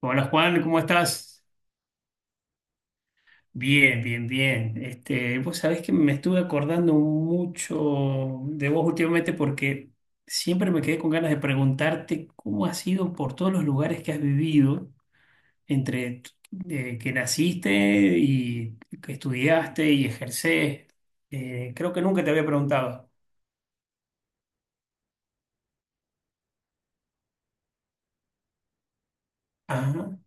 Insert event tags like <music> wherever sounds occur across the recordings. Hola Juan, ¿cómo estás? Bien, bien, bien. Este, vos sabés que me estuve acordando mucho de vos últimamente porque siempre me quedé con ganas de preguntarte cómo has ido por todos los lugares que has vivido, entre que naciste y que estudiaste y ejercés. Creo que nunca te había preguntado. Ajá.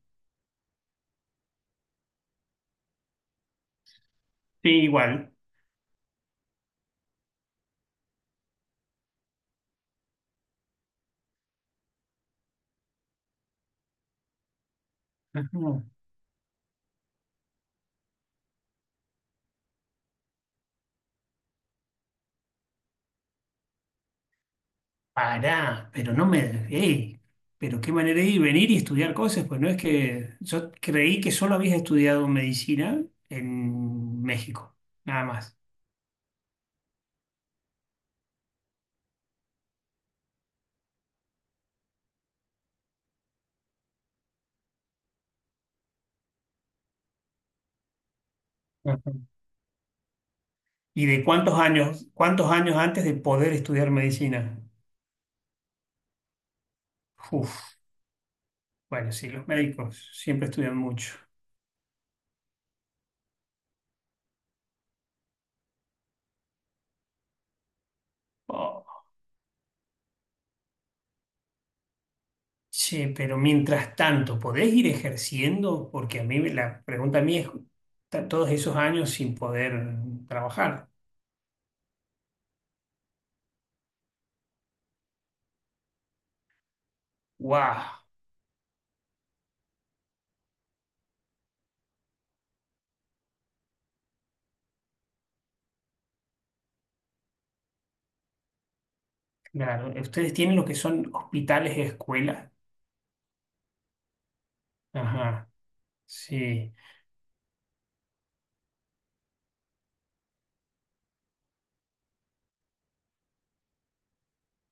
Sí, igual. Ajá. Pará, pero no me... ¡Ey! Pero qué manera de ir, venir y estudiar cosas, pues no es que... Yo creí que solo habías estudiado medicina en México, nada más. Ajá. ¿Y de cuántos años antes de poder estudiar medicina? Uf, bueno, sí, los médicos siempre estudian mucho. Oh, sí, pero mientras tanto, ¿podés ir ejerciendo? Porque a mí, me- la pregunta a mí es, ta- todos esos años sin poder trabajar. ¡Wow! Claro, ustedes tienen lo que son hospitales y escuelas. Ajá, sí.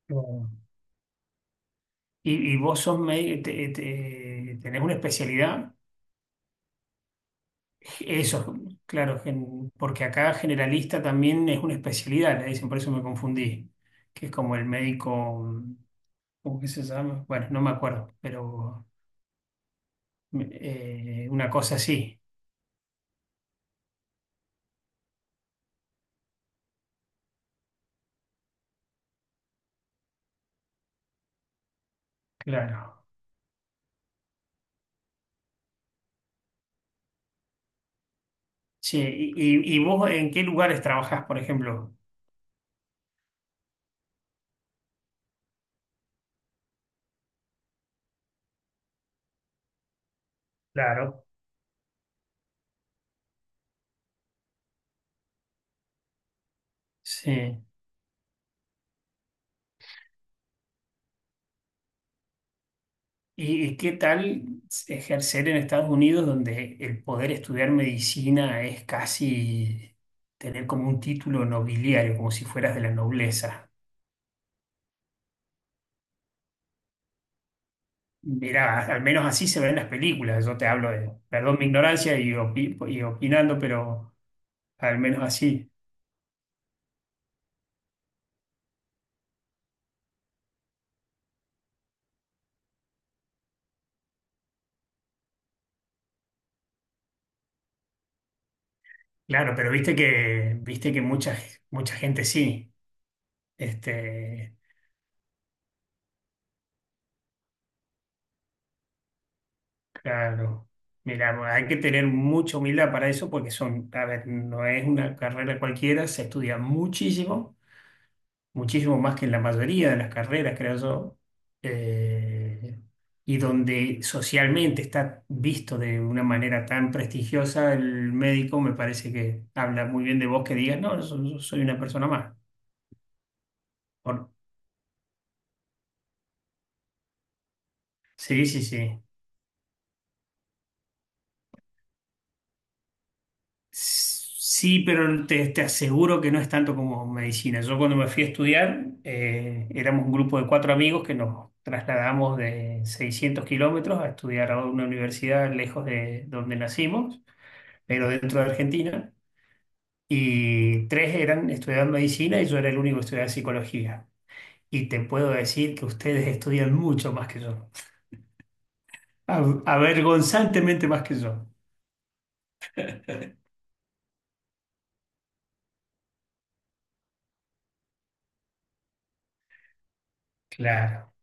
Bueno. Y vos sos médico, tenés una especialidad. Eso, claro, gen- porque acá generalista también es una especialidad, le dicen, por eso me confundí, que es como el médico, ¿cómo que se llama? Bueno, no me acuerdo, pero una cosa así, claro. Sí, ¿y, y vos en qué lugares trabajás, por ejemplo? Claro. Sí. Y qué tal ejercer en Estados Unidos, donde el poder estudiar medicina es casi tener como un título nobiliario, como si fueras de la nobleza? Mira, al menos así se ven en las películas. Yo te hablo de, perdón mi ignorancia y, opi- y opinando, pero al menos así. Claro, pero viste que mucha, mucha gente sí. Este, claro. Mira, bueno, hay que tener mucha humildad para eso porque son, a ver, no es una carrera cualquiera, se estudia muchísimo, muchísimo más que en la mayoría de las carreras, creo yo, eh, y donde socialmente está visto de una manera tan prestigiosa, el médico me parece que habla muy bien de vos que digas, no, yo soy una persona más. Por- sí, sí, sí. Sí, pero te aseguro que no es tanto como medicina. Yo cuando me fui a estudiar, éramos un grupo de cuatro amigos que nos trasladamos de 600 km a estudiar a una universidad lejos de donde nacimos, pero dentro de Argentina. Y tres eran estudiando medicina y yo era el único que estudiaba psicología. Y te puedo decir que ustedes estudian mucho más que yo, Av- avergonzantemente más que yo. Claro.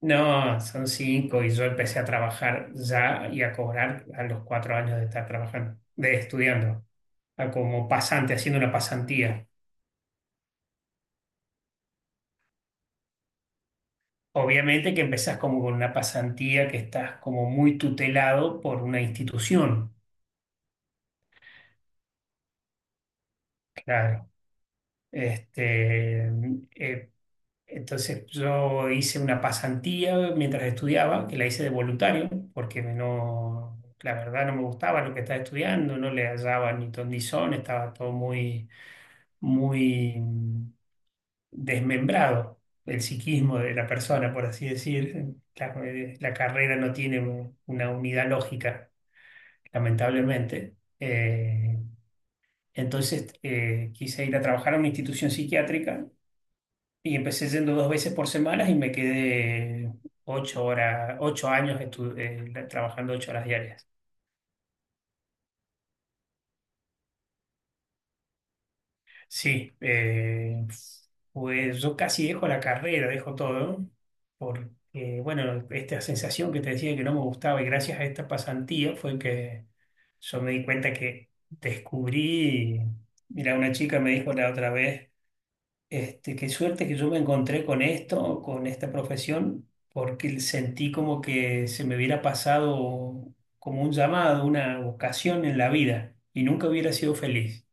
No, son cinco y yo empecé a trabajar ya y a cobrar a los 4 años de estar trabajando, de estudiando, a como pasante, haciendo una pasantía. Obviamente que empezás como con una pasantía que estás como muy tutelado por una institución, claro. Este, eh, entonces yo hice una pasantía mientras estudiaba, que la hice de voluntario, porque no, la verdad no me gustaba lo que estaba estudiando, no le hallaba ni ton ni son, estaba todo muy desmembrado el psiquismo de la persona, por así decir. La carrera no tiene una unidad lógica, lamentablemente. Entonces quise ir a trabajar a una institución psiquiátrica y empecé yendo dos veces por semana y me quedé 8 horas, 8 años trabajando 8 horas diarias. Sí, pues yo casi dejo la carrera, dejo todo, porque, bueno, esta sensación que te decía que no me gustaba y gracias a esta pasantía fue que yo me di cuenta que descubrí, mira, una chica me dijo la otra vez, este, qué suerte que yo me encontré con esto, con esta profesión, porque sentí como que se me hubiera pasado como un llamado, una vocación en la vida y nunca hubiera sido feliz.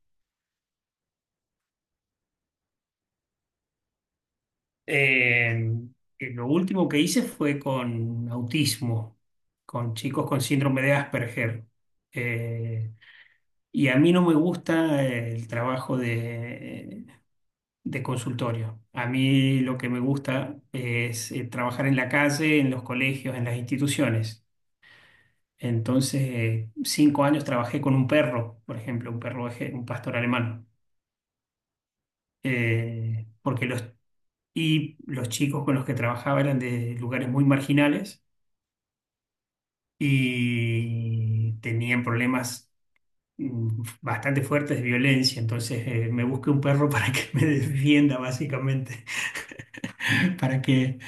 Eh, lo último que hice fue con autismo, con chicos con síndrome de Asperger. Eh, y a mí no me gusta el trabajo de consultorio. A mí lo que me gusta es trabajar en la calle, en los colegios, en las instituciones. Entonces, 5 años trabajé con un perro, por ejemplo, un perro, eje- un pastor alemán. Porque y los chicos con los que trabajaba eran de lugares muy marginales y tenían problemas bastante fuertes de violencia, entonces me busqué un perro <laughs> para que me <laughs> defienda básicamente, <laughs> para que...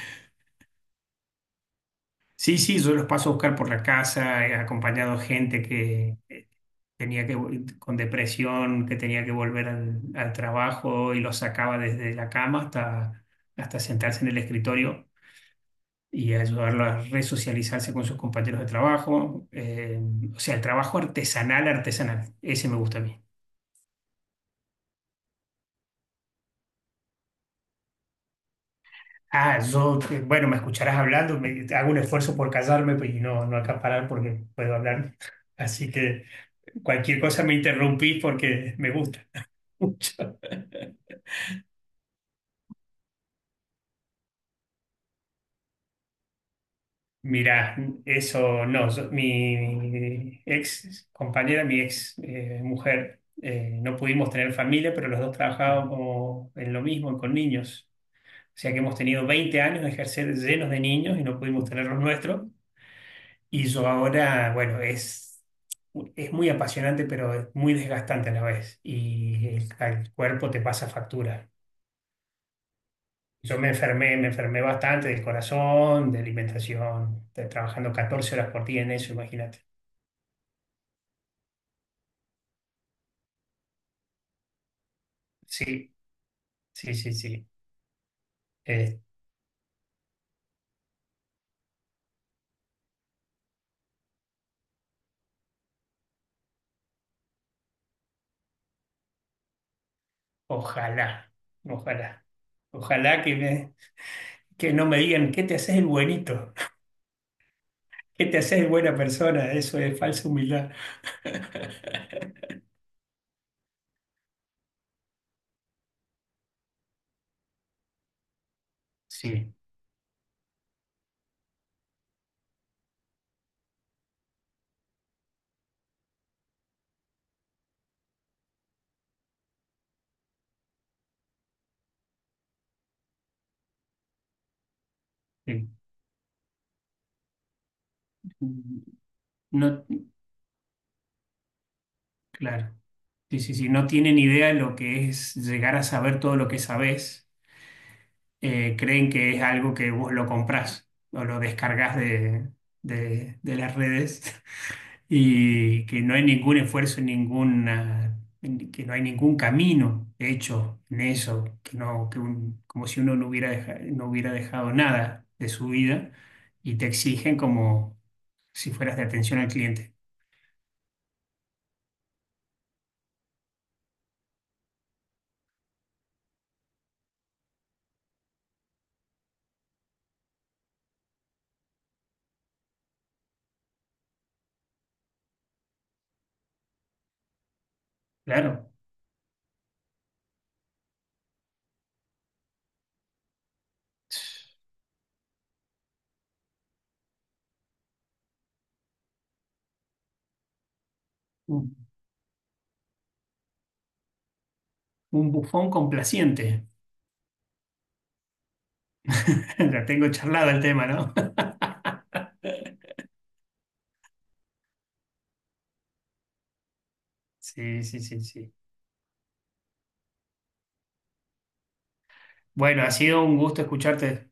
Sí, sí, yo los paso a buscar por la casa, he acompañado gente que tenía que, vol- con depresión, que tenía que volver al trabajo y los sacaba desde la cama hasta, hasta sentarse en el escritorio, y ayudarlo a resocializarse con sus compañeros de trabajo, o sea, el trabajo artesanal, ese me gusta a mí. Ah, yo, bueno, me escucharás hablando, me- hago un esfuerzo por callarme pues, y no, no acaparar porque puedo hablar. Así que cualquier cosa me interrumpís porque me gusta <laughs> mucho. Mirá, eso no, yo- mi ex compañera, mi ex mujer, no pudimos tener familia, pero los dos trabajábamos en lo mismo, con niños. O sea que hemos tenido 20 años de ejercer llenos de niños y no pudimos tener los nuestros. Y yo ahora, bueno, es muy apasionante, pero es muy desgastante a la vez. Y al cuerpo te pasa factura. Yo me enfermé bastante del corazón, de alimentación, de- trabajando 14 horas por día en eso, imagínate. Sí, sí, sí, sí. Eh, Ojalá, ojalá, ojalá que no me digan, ¿qué te haces el buenito? <laughs> ¿Qué te haces el buena persona? Eso es falsa humildad. <laughs> Sí, sí. No, claro. Sí, sí, sí. No tienen idea de lo que es llegar a saber todo lo que sabés. Creen que es algo que vos lo comprás o lo descargás de las redes, <laughs> y que no hay ningún esfuerzo, ninguna, que no hay ningún camino hecho en eso, que no, que un- como si uno no hubiera no hubiera dejado nada de su vida y te exigen como si fueras de atención al cliente. Claro, un bufón complaciente. <laughs> Ya tengo charlado el tema, ¿no? <laughs> Sí, sí, sí, sí. Bueno, ha sido un gusto escucharte.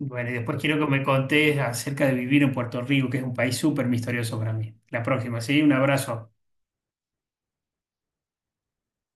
Bueno, y después quiero que me contés acerca de vivir en Puerto Rico, que es un país súper misterioso para mí. La próxima, ¿sí? Un abrazo.